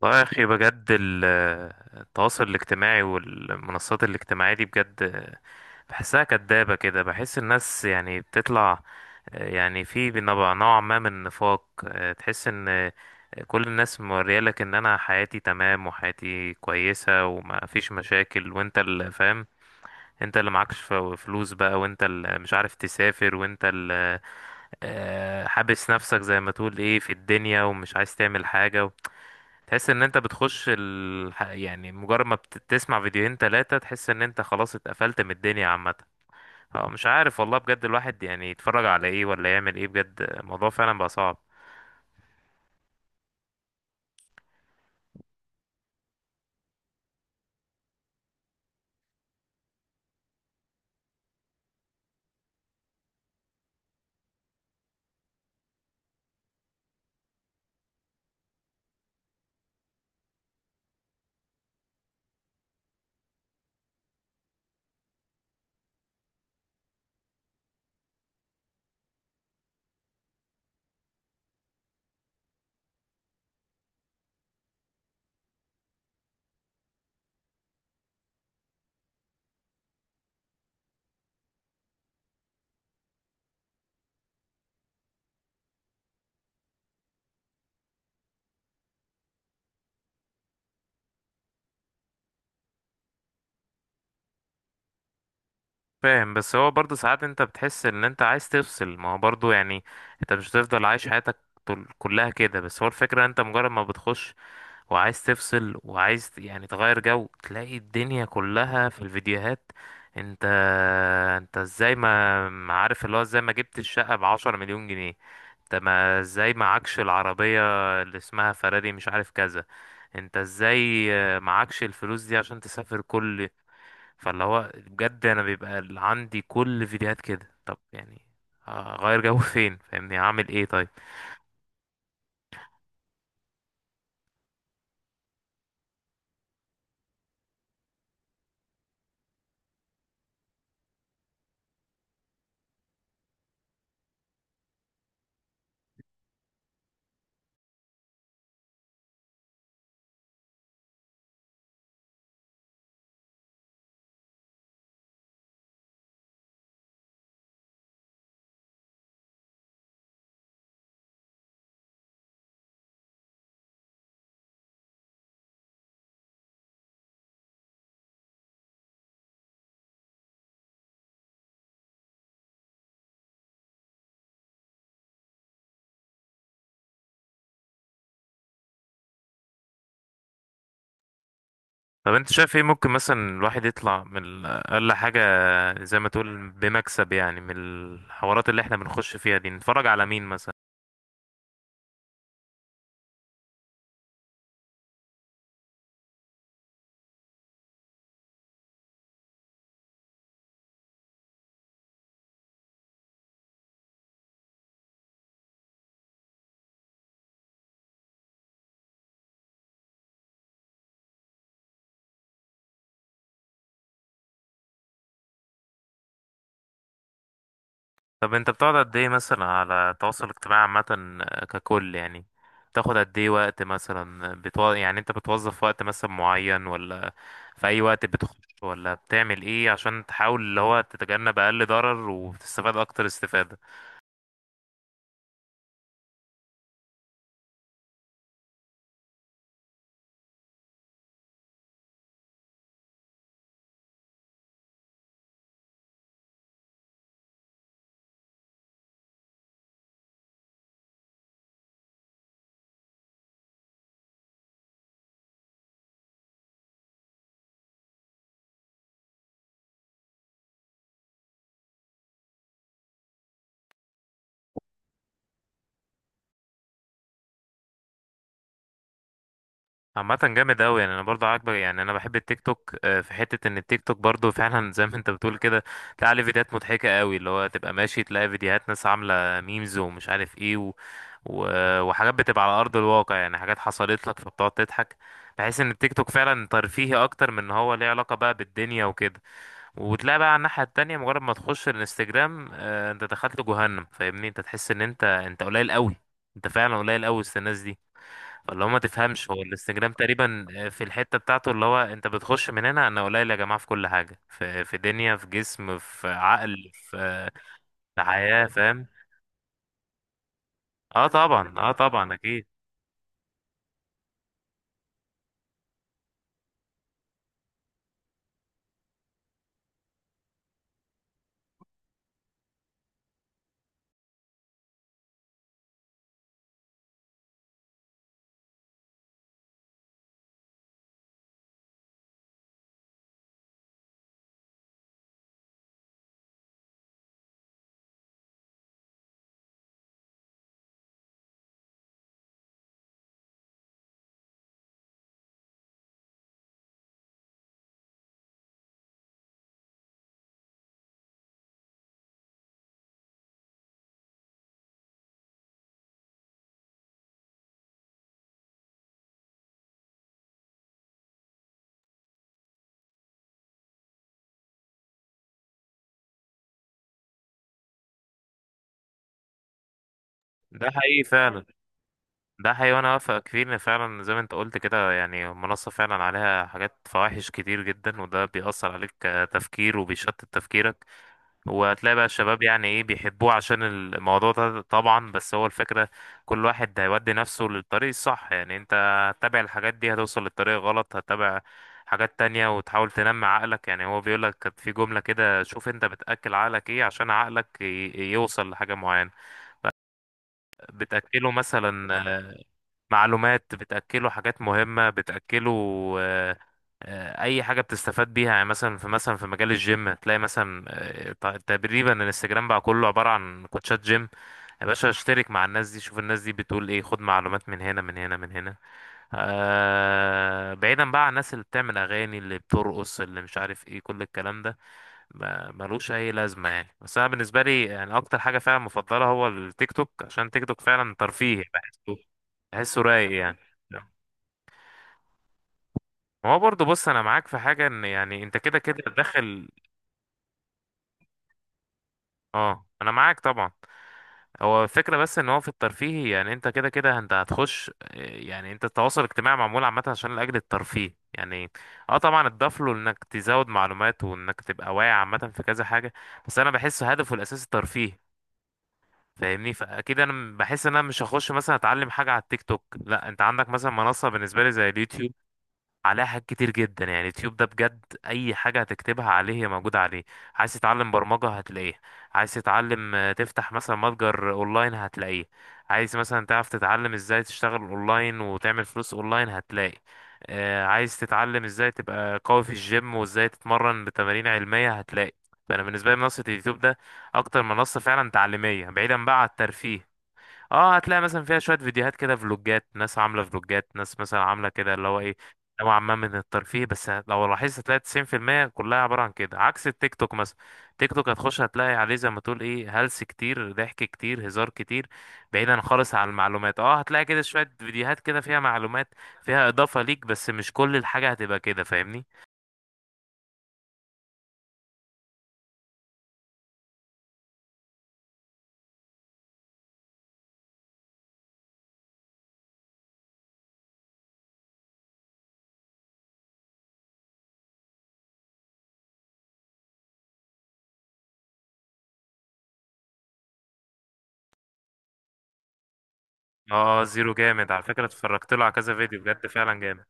والله يا أخي بجد التواصل الاجتماعي والمنصات الاجتماعية دي بجد بحسها كدابة كده، بحس الناس يعني بتطلع، يعني في نوع ما من النفاق. تحس ان كل الناس موريالك ان انا حياتي تمام وحياتي كويسة وما فيش مشاكل، وانت اللي فاهم. انت اللي معكش فلوس بقى، وانت اللي مش عارف تسافر، وانت اللي حابس نفسك زي ما تقول ايه في الدنيا، ومش عايز تعمل حاجة. تحس ان انت بتخش يعني مجرد ما بتسمع فيديوهين تلاتة تحس ان انت خلاص اتقفلت من الدنيا عامة. اه، مش عارف والله، بجد الواحد يعني يتفرج على ايه ولا يعمل ايه؟ بجد الموضوع فعلا بقى صعب. فاهم، بس هو برضه ساعات انت بتحس ان انت عايز تفصل، ما هو برضه يعني انت مش هتفضل عايش حياتك كلها كده. بس هو الفكرة، انت مجرد ما بتخش وعايز تفصل وعايز يعني تغير جو، تلاقي الدنيا كلها في الفيديوهات. انت انت ازاي ما عارف، اللي هو ازاي ما جبت الشقة ب10 مليون جنيه؟ انت، ما ازاي معكش العربية اللي اسمها فراري مش عارف كذا؟ انت ازاي معكش الفلوس دي عشان تسافر كل؟ فاللي هو بجد، انا بيبقى عندي كل فيديوهات كده، طب يعني هغير جو فين؟ فاهمني اعمل ايه طيب؟ طب انت شايف ايه؟ ممكن مثلا الواحد يطلع من اقل حاجة زي ما تقول بمكسب، يعني من الحوارات اللي احنا بنخش فيها دي نتفرج على مين مثلا؟ طب انت بتقعد قد ايه مثلا على التواصل الاجتماعي عامة، ككل يعني؟ بتاخد قد ايه وقت مثلا يعني انت بتوظف وقت مثلا معين، ولا في اي وقت بتخش، ولا بتعمل ايه عشان تحاول اللي هو تتجنب اقل ضرر وتستفاد اكتر استفادة؟ عامة جامد أوي، يعني أنا برضه عاجبك، يعني أنا بحب التيك توك. في حتة إن التيك توك برضه فعلا زي ما أنت بتقول كده. تلاقي عليه فيديوهات مضحكة أوي، اللي هو تبقى ماشي تلاقي فيديوهات، ناس عاملة ميمز ومش عارف إيه، و... وحاجات بتبقى على أرض الواقع، يعني حاجات حصلت لك فبتقعد تضحك. بحس إن التيك توك فعلا ترفيهي أكتر من إن هو ليه علاقة بقى بالدنيا وكده. وتلاقي بقى على الناحية التانية، مجرد ما تخش الانستجرام أنت دخلت جهنم، فاهمني؟ أنت تحس إن أنت قليل أوي. أنت فعلا قليل أوي وسط الناس دي. اللي هو ما تفهمش، هو الانستجرام تقريبا في الحتة بتاعته، اللي هو انت بتخش من هنا انا قليل يا جماعة في كل حاجة، في دنيا، في جسم، في عقل، في حياة، فاهم؟ اه طبعا، اه طبعا، اكيد. ده حقيقي فعلا، ده حقيقي، وانا اوافقك فيه، ان فعلا زي ما انت قلت كده يعني المنصة فعلا عليها حاجات فواحش كتير جدا، وده بيأثر عليك كتفكير وبيشتت تفكيرك. وهتلاقي بقى الشباب يعني ايه بيحبوه عشان الموضوع ده طبعا، بس هو الفكرة، كل واحد هيودي نفسه للطريق الصح. يعني انت هتتابع الحاجات دي هتوصل للطريق غلط، هتتابع حاجات تانية وتحاول تنمي عقلك. يعني هو بيقولك كانت في جملة كده، شوف انت بتأكل عقلك ايه عشان عقلك يوصل لحاجة معينة. بتأكله مثلا معلومات، بتأكله حاجات مهمة، بتأكله آه، أي حاجة بتستفاد بيها. يعني مثلا في، مثلا في مجال الجيم تلاقي مثلا تقريبا الانستجرام بقى كله عبارة عن كوتشات جيم. يا باشا اشترك مع الناس دي، شوف الناس دي بتقول ايه، خد معلومات من هنا، من هنا، من هنا. آه، بعيدا بقى عن الناس اللي بتعمل أغاني، اللي بترقص، اللي مش عارف ايه، كل الكلام ده ملوش اي لازمه يعني. بس انا بالنسبه لي، يعني اكتر حاجه فعلا مفضله هو التيك توك، عشان تيك توك فعلا ترفيه بحسه، بحسه رايق يعني. ما هو برضه، بص انا معاك في حاجه، ان يعني انت كده كده داخل. اه، انا معاك طبعا. هو الفكره بس ان هو في الترفيه، يعني انت كده كده انت هتخش، يعني انت التواصل الاجتماعي معمول عامه عشان لاجل الترفيه يعني. اه طبعا، اتضاف له انك تزود معلومات وانك تبقى واعي عامه في كذا حاجه، بس انا بحس هدفه الاساسي الترفيه، فاهمني؟ فاكيد انا بحس ان انا مش هخش مثلا اتعلم حاجه على التيك توك. لا، انت عندك مثلا منصه بالنسبه لي زي اليوتيوب، عليها حاجات كتير جدا. يعني اليوتيوب ده بجد اي حاجه هتكتبها عليه هي موجوده عليه. عايز تتعلم برمجه، هتلاقيه. عايز تتعلم تفتح مثلا متجر اونلاين، هتلاقيه. عايز مثلا تعرف تتعلم ازاي تشتغل اونلاين وتعمل فلوس اونلاين، هتلاقي. عايز تتعلم ازاي تبقى قوي في الجيم وازاي تتمرن بتمارين علميه، هتلاقي. فانا بالنسبه لي منصه اليوتيوب ده اكتر منصه فعلا تعليميه، بعيدا بقى عن الترفيه. اه، هتلاقي مثلا فيها شوية فيديوهات كده، فلوجات، ناس عاملة فلوجات، ناس مثلا عاملة كده اللي هو ايه، نوعا ما من الترفيه. بس لو لاحظت هتلاقي 90% كلها عبارة عن كده، عكس التيك توك مثلا. تيك توك هتخش هتلاقي عليه زي ما تقول ايه، هلس كتير، ضحك كتير، هزار كتير، بعيدا خالص عن المعلومات. اه، هتلاقي كده شوية فيديوهات كده فيها معلومات، فيها إضافة ليك، بس مش كل الحاجة هتبقى كده، فاهمني؟ اه، زيرو جامد على فكرة، اتفرجت له على كذا فيديو، بجد فعلا جامد.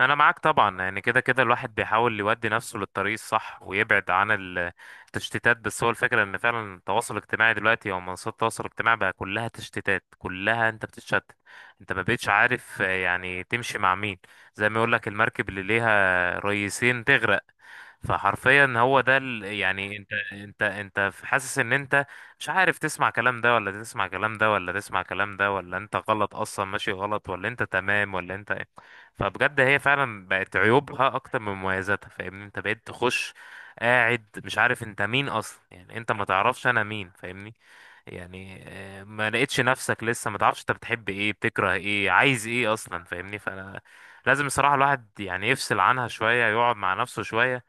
انا معاك طبعا، يعني كده كده الواحد بيحاول يودي نفسه للطريق الصح ويبعد عن التشتيتات. بس هو الفكره ان فعلا التواصل الاجتماعي دلوقتي، او منصات التواصل الاجتماعي بقى كلها تشتيتات، كلها انت بتتشتت. انت ما بقتش عارف يعني تمشي مع مين، زي ما يقول لك المركب اللي ليها ريسين تغرق. فحرفيا هو ده، يعني انت حاسس ان انت مش عارف تسمع كلام ده، ولا تسمع كلام ده، ولا تسمع كلام ده، ولا انت غلط اصلا ماشي غلط، ولا انت تمام، ولا انت ايه؟ فبجد هي فعلا بقت عيوبها اكتر من مميزاتها، فاهمني؟ انت بقيت تخش قاعد مش عارف انت مين اصلا، يعني انت ما تعرفش انا مين، فاهمني؟ يعني ما لقيتش نفسك، لسه ما تعرفش انت بتحب ايه، بتكره ايه، عايز ايه اصلا، فاهمني؟ فانا لازم الصراحة الواحد يعني يفصل عنها شوية، يقعد مع نفسه شوية،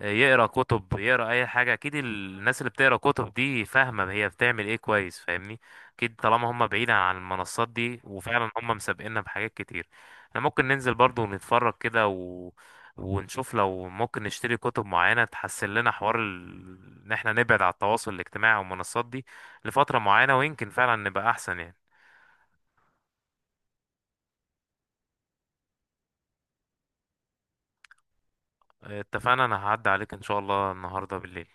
يقرا كتب، يقرا اي حاجه. اكيد الناس اللي بتقرا كتب دي فاهمه هي بتعمل ايه كويس، فاهمني؟ اكيد طالما هم بعيد عن المنصات دي، وفعلا هم مسابقيننا بحاجات كتير. احنا ممكن ننزل برضو ونتفرج كده ونشوف لو ممكن نشتري كتب معينه، تحسن لنا حوار ان احنا نبعد على التواصل الاجتماعي والمنصات دي لفتره معينه، ويمكن فعلا نبقى احسن يعني. اتفقنا، انا هعدي عليك ان شاء الله النهارده بالليل.